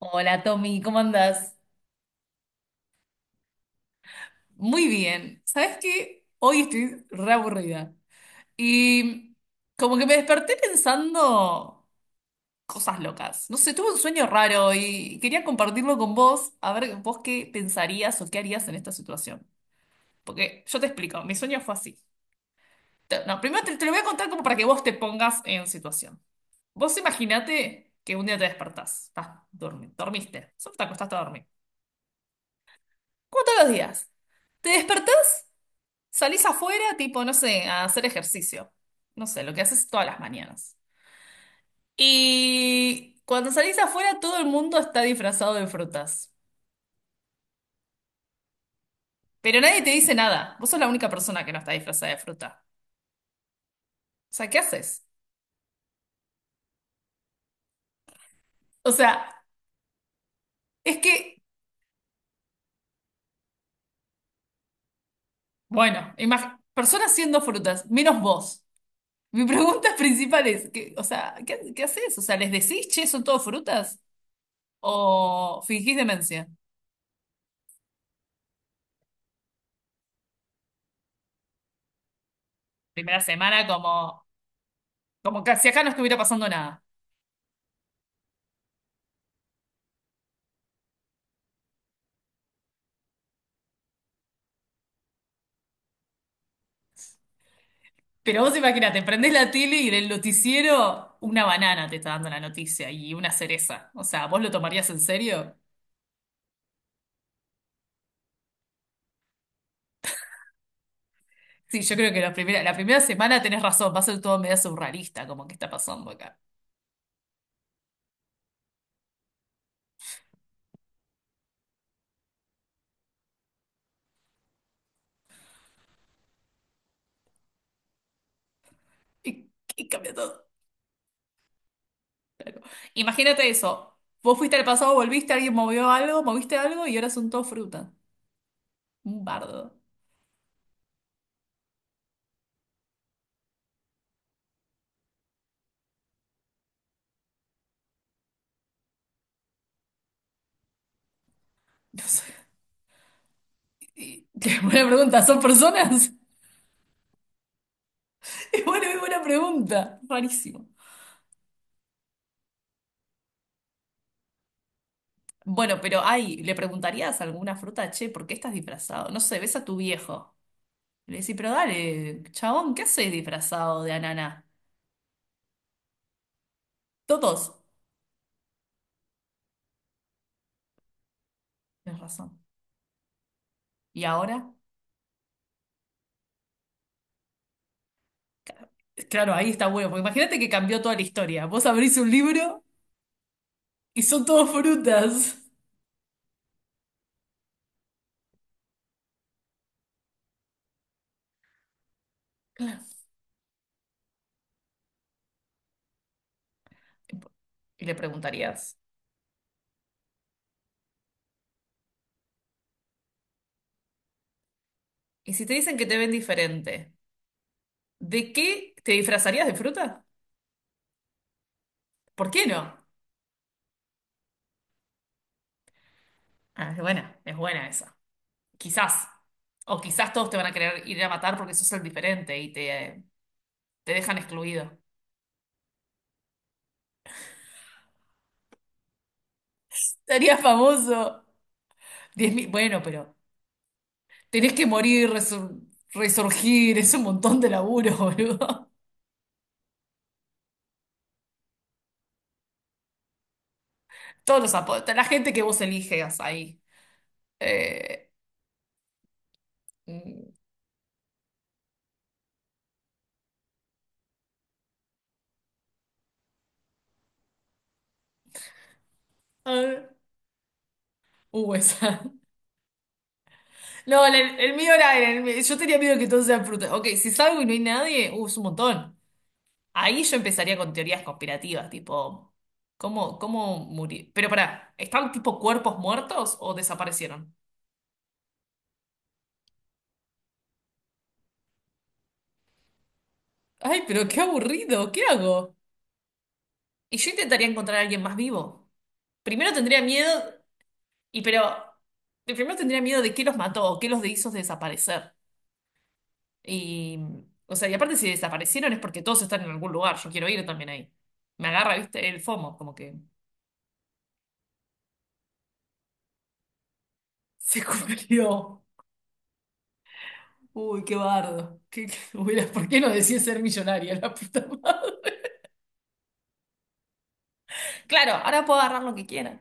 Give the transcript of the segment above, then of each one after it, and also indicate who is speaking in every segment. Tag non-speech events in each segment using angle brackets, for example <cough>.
Speaker 1: Hola Tommy, ¿cómo andás? Muy bien. ¿Sabes qué? Hoy estoy re aburrida. Y como que me desperté pensando cosas locas. No sé, tuve un sueño raro y quería compartirlo con vos, a ver vos qué pensarías o qué harías en esta situación. Porque yo te explico, mi sueño fue así. No, primero te lo voy a contar como para que vos te pongas en situación. Vos imaginate que un día te despertás, estás dormiste, solo te acostaste a dormir. Como todos los días. ¿Te despertás? Salís afuera, tipo, no sé, a hacer ejercicio. No sé, lo que haces todas las mañanas. Y cuando salís afuera, todo el mundo está disfrazado de frutas. Pero nadie te dice nada. Vos sos la única persona que no está disfrazada de fruta. O sea, ¿qué haces? O sea, es que, bueno, personas siendo frutas, menos vos. Mi pregunta <laughs> principal es, ¿qué, o sea, ¿qué, qué haces? O sea, ¿les decís, che, son todos frutas? ¿O fingís demencia? Primera semana como, como que si acá no estuviera pasando nada. Pero vos imagínate, prendés la tele y del noticiero una banana te está dando la noticia y una cereza. O sea, ¿vos lo tomarías en serio? Sí, yo creo que la primera semana tenés razón, va a ser todo medio surrealista, como que está pasando acá. Y, y cambia todo. Imagínate eso. Vos fuiste al pasado, volviste, alguien movió algo, moviste algo y ahora son todo fruta. Un bardo. No sé. Y <laughs> buena pregunta, ¿son personas? <laughs> Es buena pregunta. Rarísimo. Bueno, pero ay, le preguntarías alguna fruta, che, ¿por qué estás disfrazado? No sé, ves a tu viejo. Le decís, pero dale, chabón, ¿qué haces disfrazado de ananá? Todos. Tienes razón. ¿Y ahora? Claro, ahí está bueno, porque imagínate que cambió toda la historia. Vos abrís un libro y son todos frutas. Claro. Y le preguntarías, ¿y si te dicen que te ven diferente, ¿de qué te disfrazarías de fruta? ¿Por qué no? Ah, es buena esa. Quizás. O quizás todos te van a querer ir a matar porque sos el diferente te dejan excluido. Sería famoso. 10.000. Bueno, pero tenés que morir, resurgir, es un montón de laburo, <laughs> boludo. Todos los apodos, la gente que vos eliges ahí. Eh, mm, a ver. Esa. No, el mío era, yo tenía miedo que todos sean frutas. Ok, si salgo y no hay nadie, es un montón. Ahí yo empezaría con teorías conspirativas, tipo, ¿cómo, cómo murió? Pero pará, ¿están tipo cuerpos muertos o desaparecieron? Ay, pero qué aburrido, ¿qué hago? Y yo intentaría encontrar a alguien más vivo. Primero tendría miedo, y pero, primero tendría miedo de qué los mató o qué los hizo desaparecer. Y, o sea, y aparte si desaparecieron es porque todos están en algún lugar, yo quiero ir también ahí. Me agarra, viste, el FOMO, como que se <laughs> cumplió. Uy, qué bardo. ¿Por qué no decía ser millonaria la puta madre? Claro, ahora puedo agarrar lo que quiera.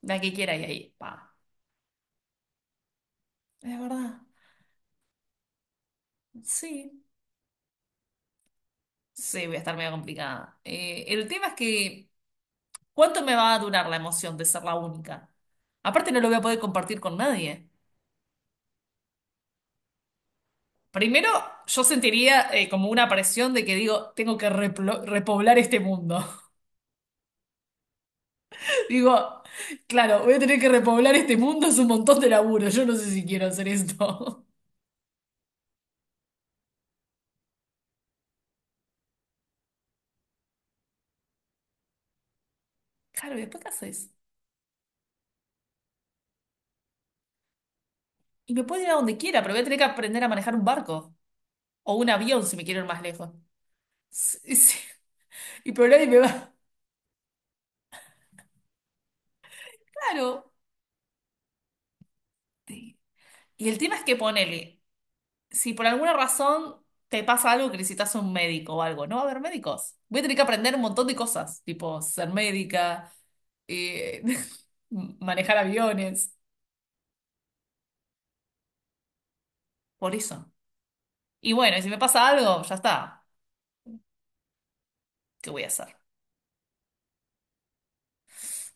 Speaker 1: La que quiera y ahí, pa. Es verdad. Sí, sí, voy a estar medio complicada. El tema es que, ¿cuánto me va a durar la emoción de ser la única? Aparte, no lo voy a poder compartir con nadie. Primero, yo sentiría como una presión de que digo, tengo que repoblar este mundo. <laughs> Digo, claro, voy a tener que repoblar este mundo, es un montón de laburo. Yo no sé si quiero hacer esto. Claro, ¿y después qué haces? Y me puedo ir a donde quiera, pero voy a tener que aprender a manejar un barco o un avión si me quiero ir más lejos. Sí, <laughs> sí. Y pero nadie me va. Claro. Sí. Y el tema es que ponele, si por alguna razón te pasa algo que necesitas un médico o algo, no va a haber médicos. Voy a tener que aprender un montón de cosas, tipo ser médica, eh, <laughs> manejar aviones, por eso. Y bueno, y si me pasa algo, ya está. ¿Qué voy a hacer?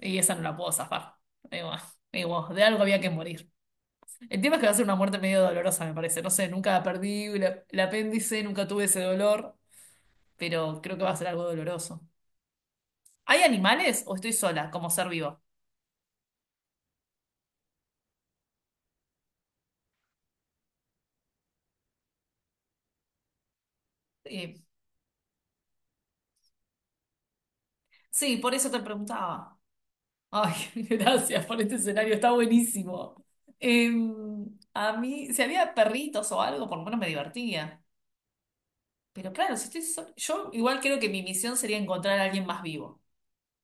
Speaker 1: Y esa no la puedo zafar. Digo, digo, de algo había que morir. El tema es que va a ser una muerte medio dolorosa, me parece. No sé, nunca perdí el apéndice, nunca tuve ese dolor, pero creo que va a ser algo doloroso. ¿Hay animales o estoy sola como ser vivo? Eh, sí, por eso te preguntaba. Ay, <laughs> gracias por este escenario, está buenísimo. Eh, a mí, si había perritos o algo, por lo menos me divertía. Pero claro, si estoy sola, yo igual creo que mi misión sería encontrar a alguien más vivo.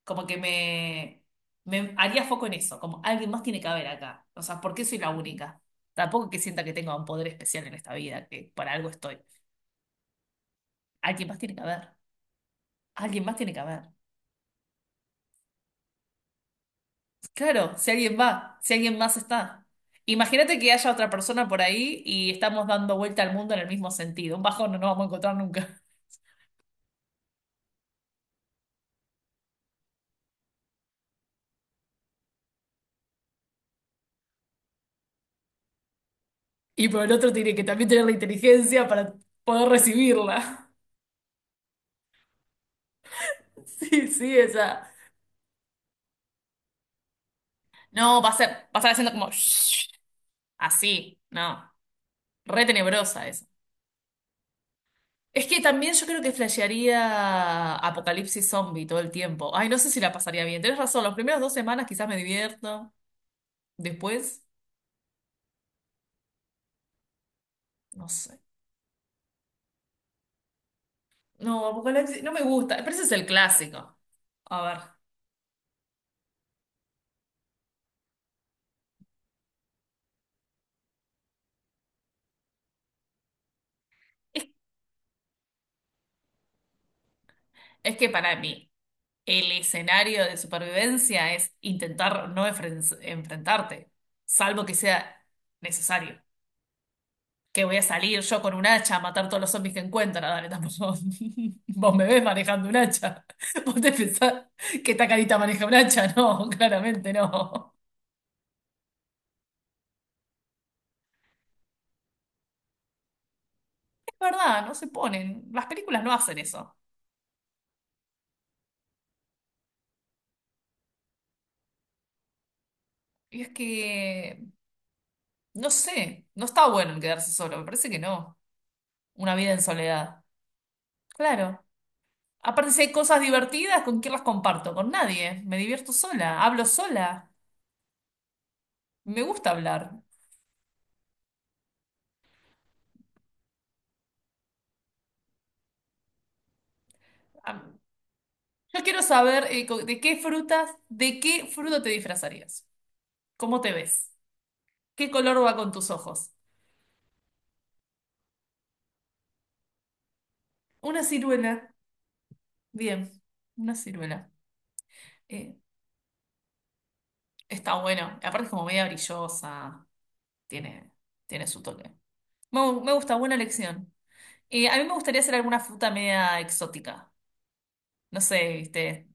Speaker 1: Como que me, me haría foco en eso, como alguien más tiene que haber acá. O sea, ¿por qué soy la única? Tampoco que sienta que tenga un poder especial en esta vida, que para algo estoy. Alguien más tiene que haber. Alguien más tiene que haber. Claro, si alguien va, si alguien más está. Imagínate que haya otra persona por ahí y estamos dando vuelta al mundo en el mismo sentido. Un bajón no nos vamos a encontrar nunca. <laughs> Y por el otro tiene que también tener la inteligencia para poder recibirla. <laughs> Sí, sí, esa. No, va a ser, va a estar haciendo como shhh, así, no. Re tenebrosa esa. Es que también yo creo que flashearía apocalipsis zombie todo el tiempo. Ay, no sé si la pasaría bien. Tenés razón, las primeras 2 semanas quizás me divierto. Después, no sé. No, apocalipsis no me gusta. Pero ese es el clásico. A ver. Es, es que para mí, el escenario de supervivencia es intentar no enfrentarte, salvo que sea necesario. Que voy a salir yo con un hacha a matar todos los zombies que encuentra. Dale, tampoco. <laughs> Vos me ves manejando un hacha. <laughs> Vos te pensás que esta carita maneja un hacha. No, <laughs> claramente no. Es verdad, no se ponen. Las películas no hacen eso. Y es que, no sé, no está bueno el quedarse solo. Me parece que no. Una vida en soledad. Claro. Aparte, si hay cosas divertidas, ¿con quién las comparto? Con nadie. Me divierto sola, hablo sola. Me gusta hablar. Yo quiero saber de qué frutas, de qué fruta te disfrazarías. ¿Cómo te ves? ¿Qué color va con tus ojos? Una ciruela. Bien, una ciruela. Eh, está bueno. Aparte es como media brillosa. Tiene, tiene su toque. Me gusta, buena elección. A mí me gustaría hacer alguna fruta media exótica. No sé, viste.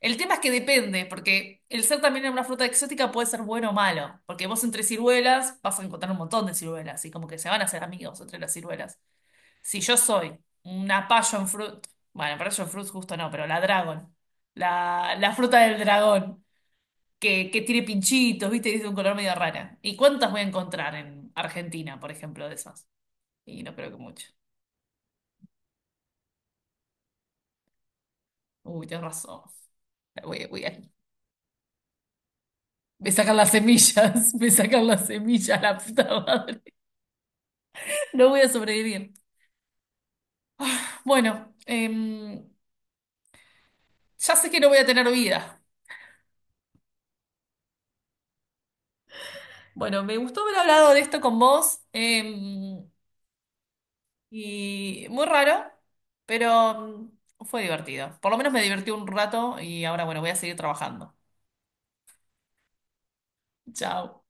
Speaker 1: El tema es que depende, porque el ser también una fruta exótica puede ser bueno o malo, porque vos entre ciruelas vas a encontrar un montón de ciruelas, y como que se van a hacer amigos entre las ciruelas. Si yo soy una passion fruit, bueno, passion fruit justo no, pero la dragon, la fruta del dragón, que tiene pinchitos, viste, y es de un color medio rara. ¿Y cuántas voy a encontrar en Argentina, por ejemplo, de esas? Y no creo que mucho. Uy, tenés razón. Voy, voy a- Me sacan las semillas, <laughs> me sacan las semillas, la puta madre. No voy a sobrevivir. Bueno, ya sé que no voy a tener vida. Bueno, me gustó haber hablado de esto con vos. Y muy raro, pero fue divertido. Por lo menos me divertí un rato y ahora, bueno, voy a seguir trabajando. Chao.